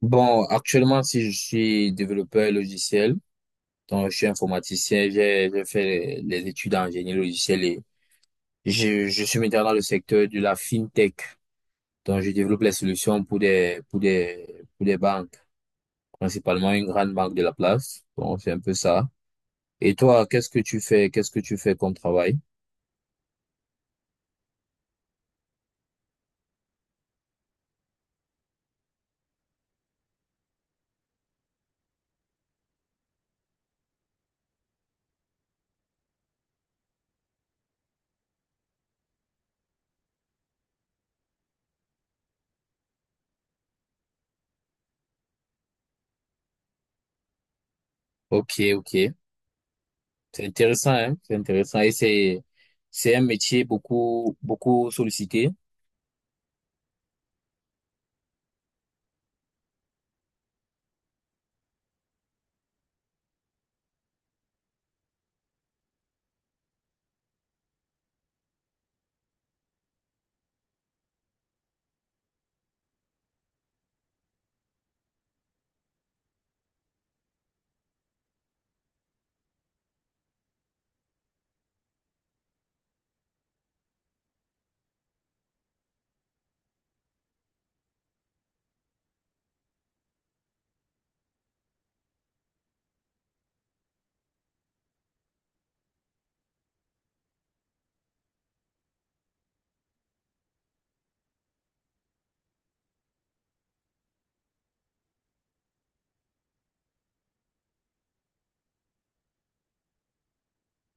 Bon, actuellement, si je suis développeur logiciel, donc je suis informaticien, j'ai fait les études en génie logiciel et je suis maintenant dans le secteur de la fintech. Donc, je développe les solutions pour des banques, principalement une grande banque de la place. Bon, c'est un peu ça. Et toi, qu'est-ce que tu fais? Qu'est-ce que tu fais comme travail? Ok, ok. C'est intéressant, hein? C'est intéressant. C'est un métier beaucoup, beaucoup sollicité.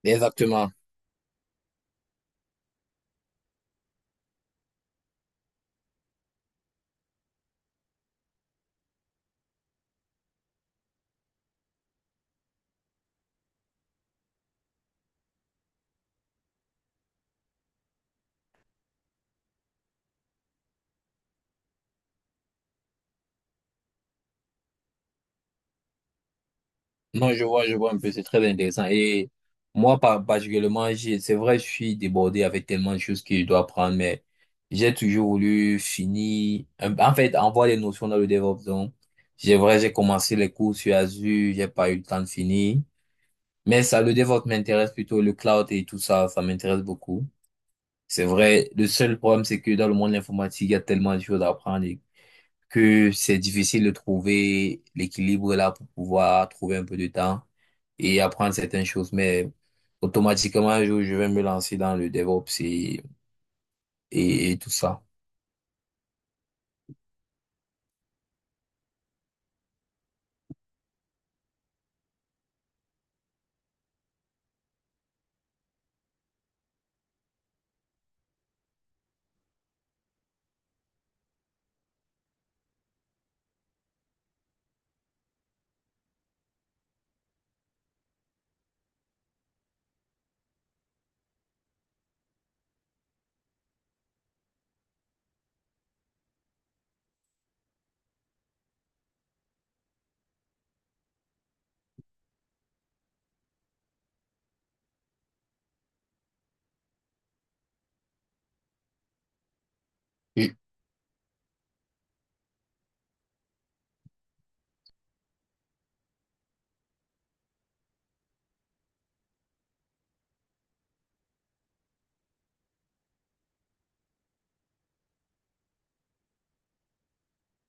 Exactement. Non, je vois un peu, c'est très intéressant. Et moi, particulièrement, c'est vrai, je suis débordé avec tellement de choses que je dois apprendre, mais j'ai toujours voulu en fait, avoir des notions dans le DevOps. Donc, j'ai commencé les cours sur Azure, j'ai pas eu le temps de finir. Mais ça, le DevOps m'intéresse plutôt, le cloud et tout ça, ça m'intéresse beaucoup. C'est vrai, le seul problème, c'est que dans le monde de l'informatique, il y a tellement de choses à apprendre que c'est difficile de trouver l'équilibre là pour pouvoir trouver un peu de temps et apprendre certaines choses. Mais automatiquement, un jour, je vais me lancer dans le DevOps et tout ça.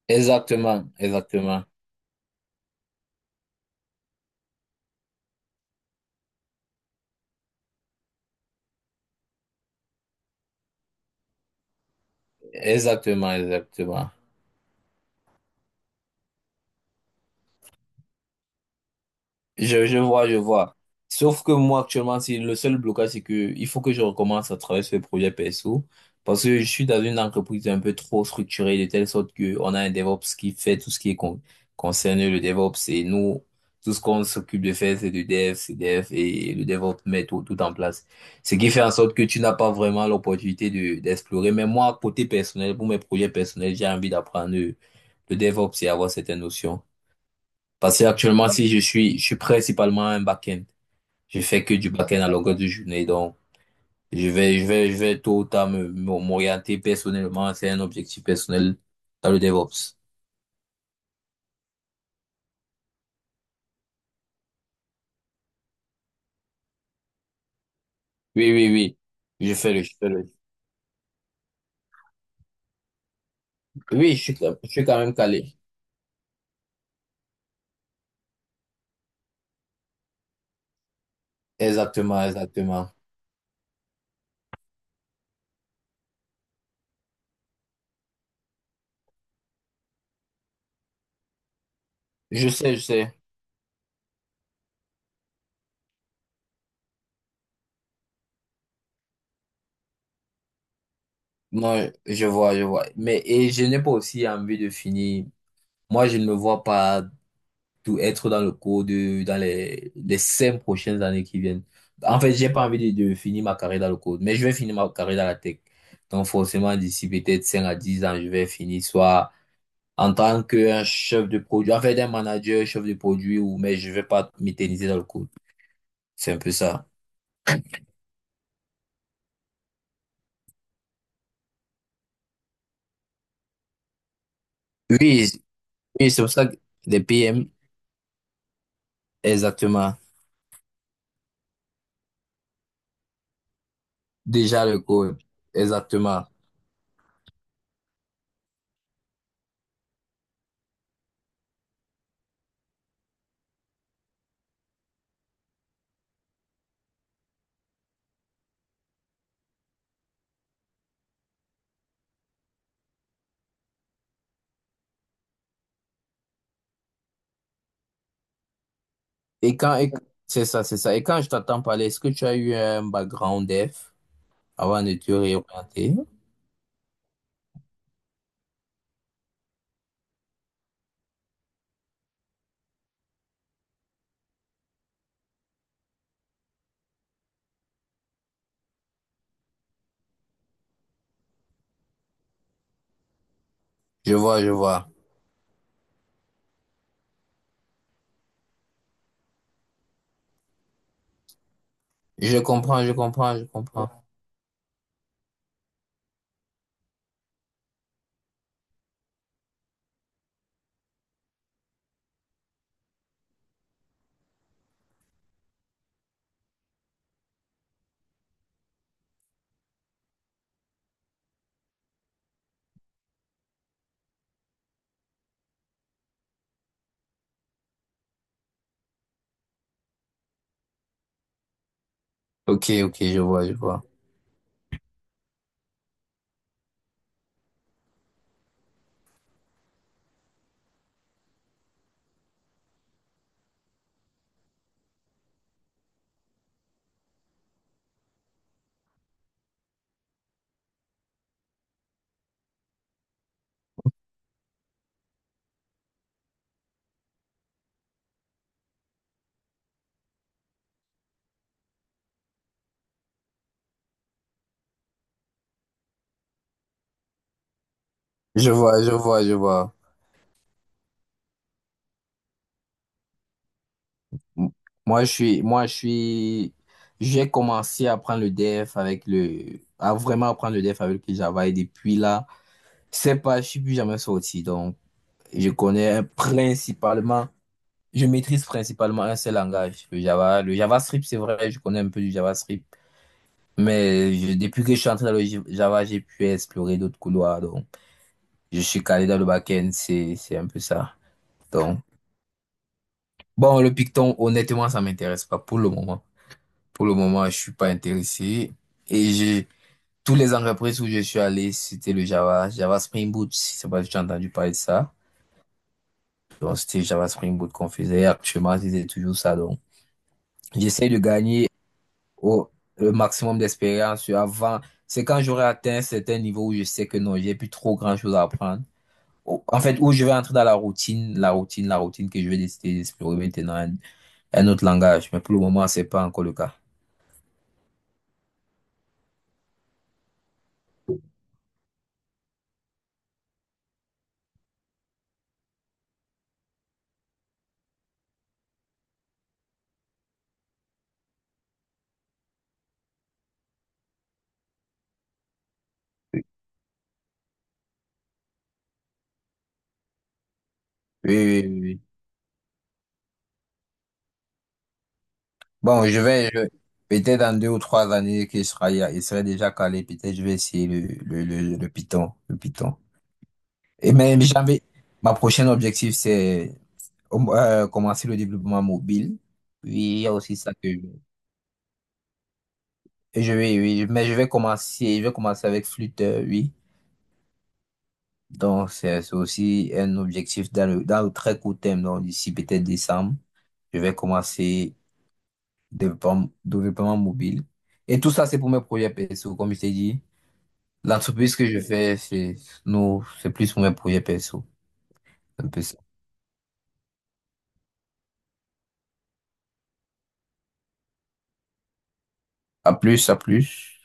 Exactement, exactement, exactement, exactement. Je vois, je vois. Sauf que moi, actuellement, c'est le seul blocage, c'est que il faut que je recommence à travailler sur les projets perso. Parce que je suis dans une entreprise un peu trop structurée, de telle sorte que on a un DevOps qui fait tout ce qui est concerné le DevOps. Et nous, tout ce qu'on s'occupe de faire, c'est du Dev, c'est Dev, et le DevOps met tout en place. Ce qui fait en sorte que tu n'as pas vraiment l'opportunité d'explorer. Mais moi, côté personnel, pour mes projets personnels, j'ai envie d'apprendre le DevOps et avoir certaines notions. Parce que actuellement, si je suis, je suis principalement un back-end. Je fais que du back-end à longueur de journée. Donc, je vais tôt ou tard m'orienter personnellement. C'est un objectif personnel dans le DevOps. Oui, oui, oui. Je fais le. Oui, je suis quand même calé. Exactement, exactement. Je sais, je sais. Non, je vois, je vois. Mais, et je n'ai pas aussi envie de finir. Moi, je ne me vois pas tout être dans le dans les cinq prochaines années qui viennent. En fait, j'ai pas envie de finir ma carrière dans le code, mais je vais finir ma carrière dans la tech. Donc, forcément, d'ici peut-être 5 à 10 ans, je vais finir soit en tant qu'un chef de produit, en fait, un manager, chef de produit, ou, mais je vais pas m'éterniser dans le code. C'est un peu ça. Oui, oui, c'est pour ça que les PM, exactement. Déjà le code, exactement. Et quand, et- c'est ça, c'est ça. Et quand je t'entends parler, est-ce que tu as eu un background dev? Avant de te réorienter. Je vois, je vois. Je comprends, je comprends, je comprends. Ok, ok, je vois, je vois. Je vois, je vois, je vois. M- moi, je suis, j'ai commencé à prendre le dev avec à vraiment apprendre le dev avec le Java et depuis là, c'est pas, je suis plus jamais sorti. Donc, je connais principalement Je maîtrise principalement un seul langage, le Java. Le JavaScript, c'est vrai, je connais un peu du JavaScript. Depuis que je suis entré dans le Java, j'ai pu explorer d'autres couloirs. Donc, je suis calé dans le back-end, c'est un peu ça. Donc, bon, le Python, honnêtement, ça m'intéresse pas pour le moment. Pour le moment, je suis pas intéressé. Et j'ai, tous les entreprises où je suis allé, c'était le Java. Java Spring Boot, je sais pas si tu as entendu parler de ça. Donc, c'était Java Spring Boot qu'on faisait. Actuellement, c'était toujours ça. Donc, j'essaie de gagner au le maximum d'expérience avant. C'est quand j'aurai atteint un certain niveau où je sais que non, j'ai plus trop grand-chose à apprendre. Au- En fait, où je vais entrer dans la routine que je vais décider d'explorer maintenant, un autre langage. Mais pour le moment, c'est pas encore le cas. Oui. Bon, je vais, je- peut-être dans deux ou trois années qu'il sera, il serait déjà calé. Peut-être je vais essayer le Python, le Python. Et même, j'avais, ma prochaine objectif, c'est commencer le développement mobile. Oui, il y a aussi ça que je- Et Je vais, oui, mais je vais commencer avec flûte, oui. Donc, c'est aussi un objectif dans dans le très court terme, donc d'ici peut-être décembre, je vais commencer développement, développement mobile. Et tout ça, c'est pour mes projets perso, comme je t'ai dit. L'entreprise que je fais, c'est, nous, c'est plus pour mes projets perso. C'est un peu ça. À plus, à plus.